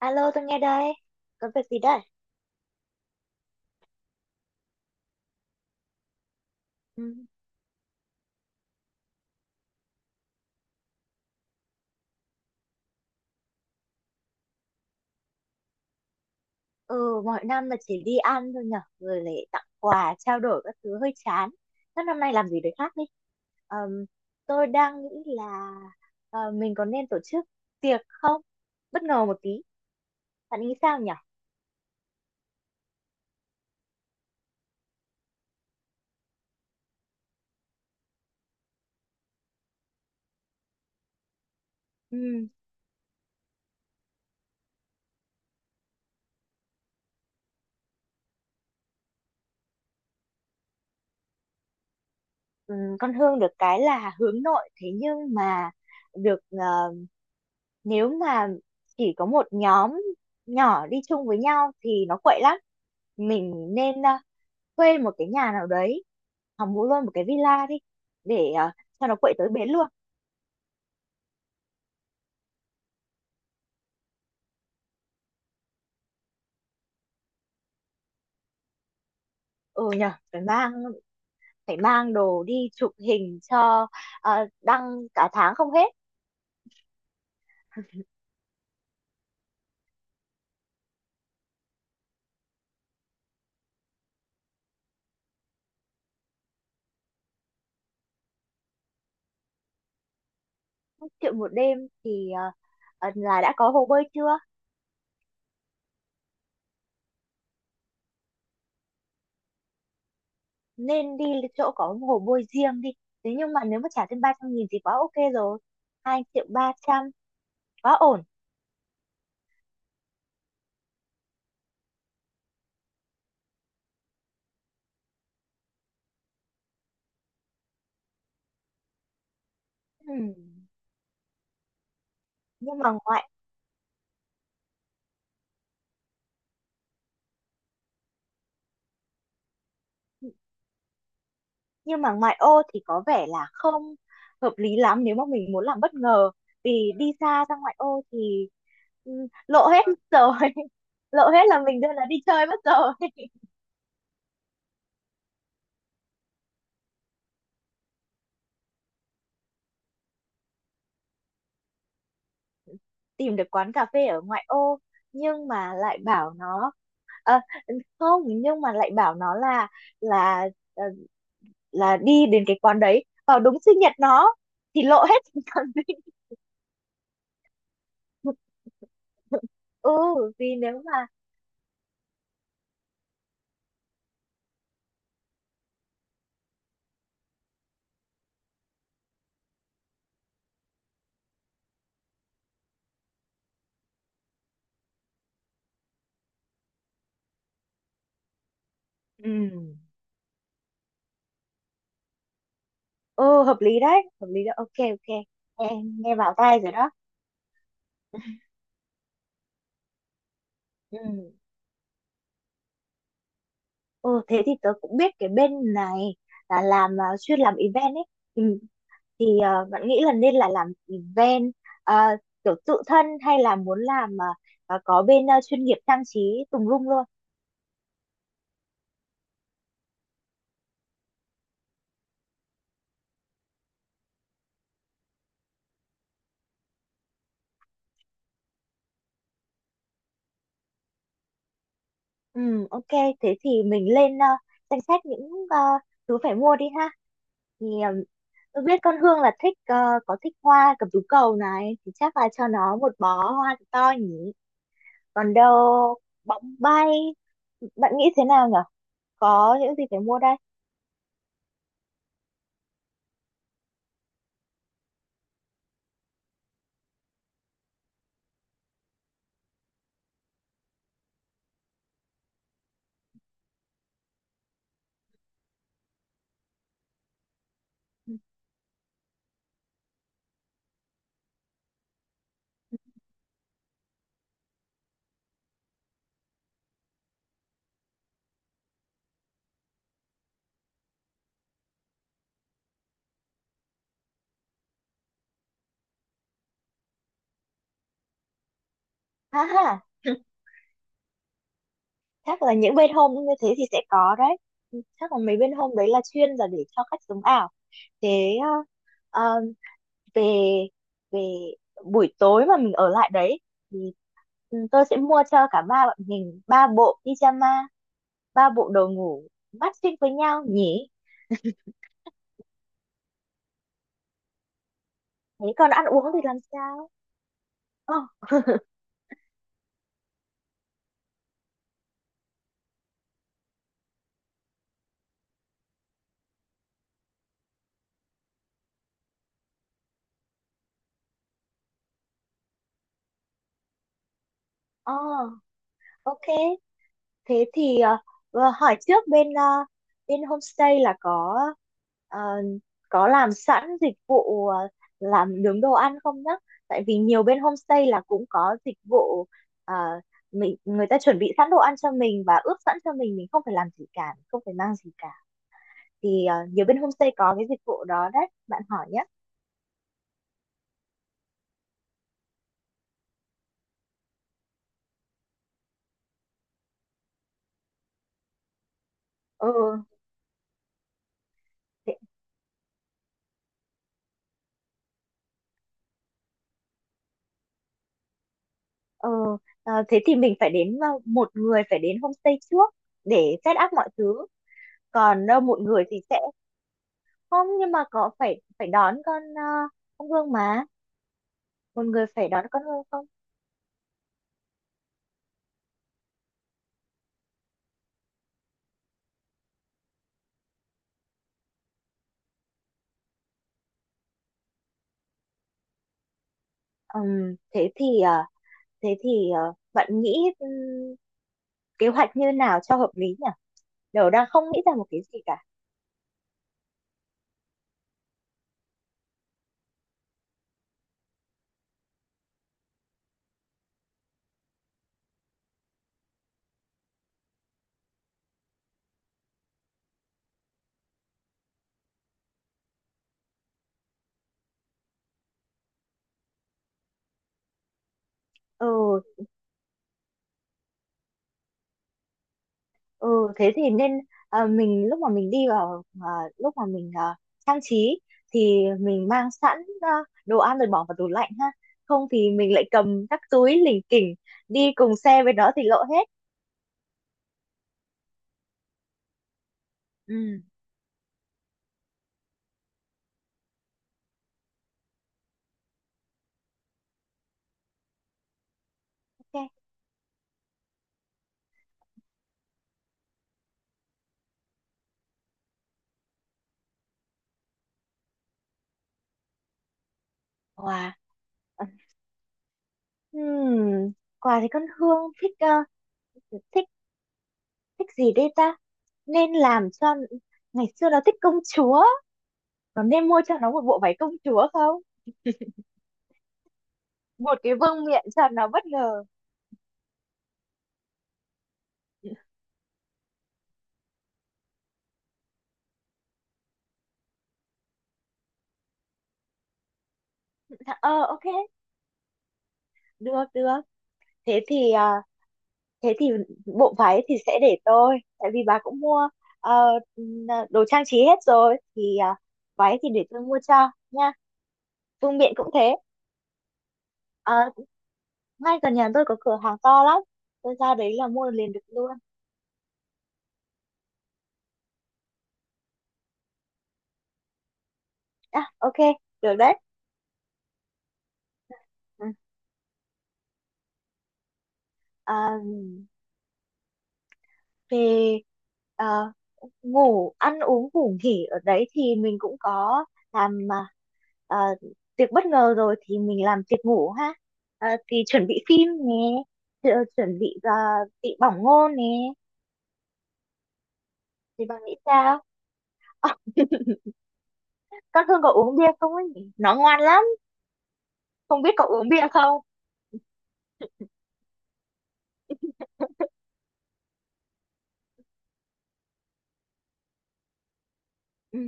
Alo, tôi nghe đây. Có việc gì đây? Ừ. Ừ, mọi năm là chỉ đi ăn thôi nhở. Rồi lại tặng quà, trao đổi các thứ hơi chán. Thế năm nay làm gì đấy khác đi. Ờm, tôi đang nghĩ là mình có nên tổ chức tiệc không? Bất ngờ một tí. Bạn nghĩ sao nhở? Ừ, ừ, con Hương được cái là hướng nội. Thế nhưng mà được, nếu mà chỉ có một nhóm nhỏ đi chung với nhau thì nó quậy lắm. Mình nên thuê một cái nhà nào đấy, hoặc mua luôn một cái villa đi để cho nó quậy tới bến luôn. Ừ nhờ, phải mang đồ đi chụp hình cho đăng cả tháng không hết. 1 triệu một đêm thì là đã có hồ bơi chưa? Nên đi chỗ có hồ bơi riêng đi. Thế nhưng mà nếu mà trả thêm 300.000 thì quá ok rồi. Hai triệu ba trăm quá ổn. Ừ. nhưng mà ngoại nhưng mà ngoại ô thì có vẻ là không hợp lý lắm nếu mà mình muốn làm bất ngờ, vì đi xa ra ngoại ô thì ừ, lộ hết mất rồi lộ hết là mình đưa nó đi chơi mất rồi tìm được quán cà phê ở ngoại ô, nhưng mà lại bảo nó ờ, không, nhưng mà lại bảo nó là ờ, là đi đến cái quán đấy vào đúng sinh nhật nó thì lộ hết còn gì. Ừ, vì nếu mà ừ, ừ, hợp lý đấy, hợp lý đấy, ok, ok. Em nghe vào tai rồi đó. Ừ. Ừ, thế thì tớ cũng biết cái bên này là làm, à, chuyên làm event ấy, thì, thì bạn nghĩ là nên là làm event, à, kiểu tự thân, hay là muốn làm có bên, chuyên nghiệp trang trí tùm lum luôn. Ừ, ok. Thế thì mình lên danh sách những thứ phải mua đi ha. Thì tôi biết con Hương là thích, có thích hoa cẩm tú cầu này, thì chắc là cho nó một bó hoa thật to nhỉ. Còn đâu, bóng bay, bạn nghĩ thế nào nhở? Có những gì phải mua đây? Ha ha, chắc là những bên hôm như thế thì sẽ có đấy. Chắc là mấy bên hôm đấy là chuyên là để cho khách sống ảo. Thế ờ, về về buổi tối mà mình ở lại đấy thì ừ, tôi sẽ mua cho cả ba bọn mình ba bộ pyjama, ba bộ đồ ngủ matching với nhau nhỉ. Thế còn ăn uống thì làm sao? Ờ, ờ, ok. Thế thì hỏi trước bên, bên homestay là có ờ, có làm sẵn dịch vụ làm nướng đồ ăn không nhá? Tại vì nhiều bên homestay là cũng có dịch vụ, ờ, mình người ta chuẩn bị sẵn đồ ăn cho mình và ướp sẵn cho mình không phải làm gì cả, không phải mang gì cả. Thì nhiều bên homestay có cái dịch vụ đó đấy, bạn hỏi nhé. Ừ. Thế, ừ, thế thì mình phải đến, một người phải đến homestay trước để set up mọi thứ. Còn một người thì sẽ không, nhưng mà có phải phải đón con, con Hương mà, một người phải đón con Hương không? Thế thì thế thì bạn nghĩ, kế hoạch như nào cho hợp lý nhỉ? Đều đang không nghĩ ra một cái gì cả. Ừ. Ừ, thế thì nên, mình lúc mà mình đi vào, lúc mà mình trang trí thì mình mang sẵn đồ ăn rồi bỏ vào tủ lạnh ha, không thì mình lại cầm các túi lỉnh kỉnh đi cùng xe với nó thì lộ hết. Ừ, ok. Wow. Ừm, quà thì con Hương thích, thích thích gì đây ta? Nên làm cho, ngày xưa nó thích công chúa, nó nên mua cho nó một bộ váy công chúa không? Một cái vương miện cho nó bất ngờ. Ờ, ok, được, được. Thế thì thế thì bộ váy thì sẽ để tôi, tại vì bà cũng mua ờ, đồ trang trí hết rồi, thì váy thì để tôi mua cho nha. Vương miện cũng thế. Ờ, ngay gần nhà tôi có cửa hàng to lắm. Tôi ra đấy là mua liền được luôn. À, ok, được đấy. Ừ. À, về à, ngủ, ăn uống, ngủ nghỉ ở đấy thì mình cũng có làm à, tiệc bất ngờ rồi thì mình làm tiệc ngủ ha. À, thì chuẩn bị phim nè, chuẩn bị bị bỏng ngô nè. Thì bạn nghĩ sao? À, con Hương có uống bia không ấy nhỉ? Nó ngoan lắm, không biết có uống bia không? Ừ,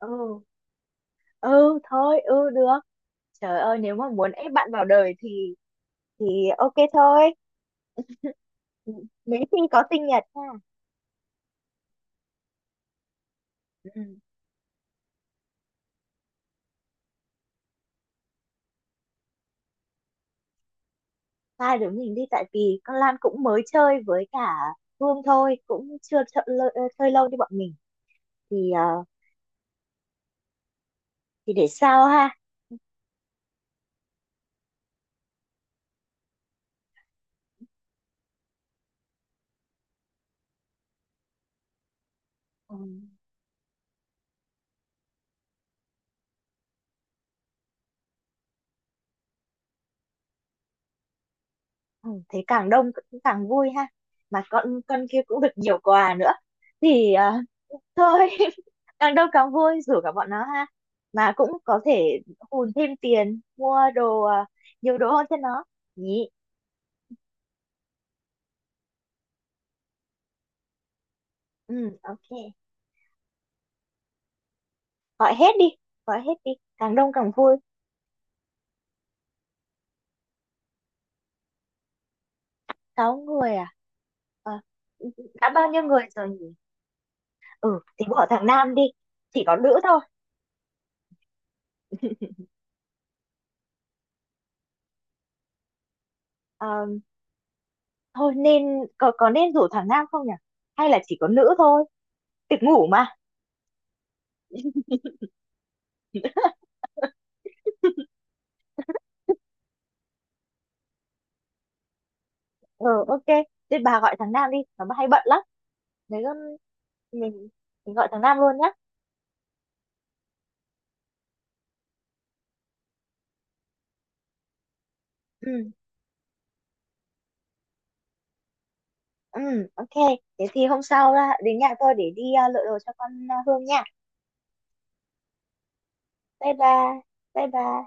ừ, ừ thôi, ừ được. Trời ơi, nếu mà muốn ép bạn vào đời thì ok thôi. Mấy khi có sinh nhật nha. Ừ. Hai đứa mình đi, tại vì con Lan cũng mới chơi với cả Hương thôi, cũng chưa chơi, chơi lâu như bọn mình thì, thì để sao ha? Ừ. Ừ, thế càng đông cũng càng vui ha, mà con kia cũng được nhiều quà nữa thì, thôi càng đông càng vui, rủ cả bọn nó ha, mà cũng có thể hùn thêm tiền mua đồ, nhiều đồ hơn cho nó nhỉ. Ừ, ok. Gọi hết đi, gọi hết đi, càng đông càng vui. Sáu người à? Ờ, đã bao nhiêu người rồi nhỉ? Ừ, thì bỏ thằng Nam đi, chỉ có nữ thôi. Ờ, thôi nên, có nên rủ thằng Nam không nhỉ, hay là chỉ có nữ thôi? Tiệc ngủ mà. Ừ, ok. Nên bà gọi thằng Nam đi, nó hay bận lắm. Nếu không, mình mình gọi thằng Nam luôn nhá. Ừ. Ừ, ok, thế thì hôm sau ra đến nhà tôi để đi lựa đồ cho con, à, Hương nha. Bye bye. Bye bye.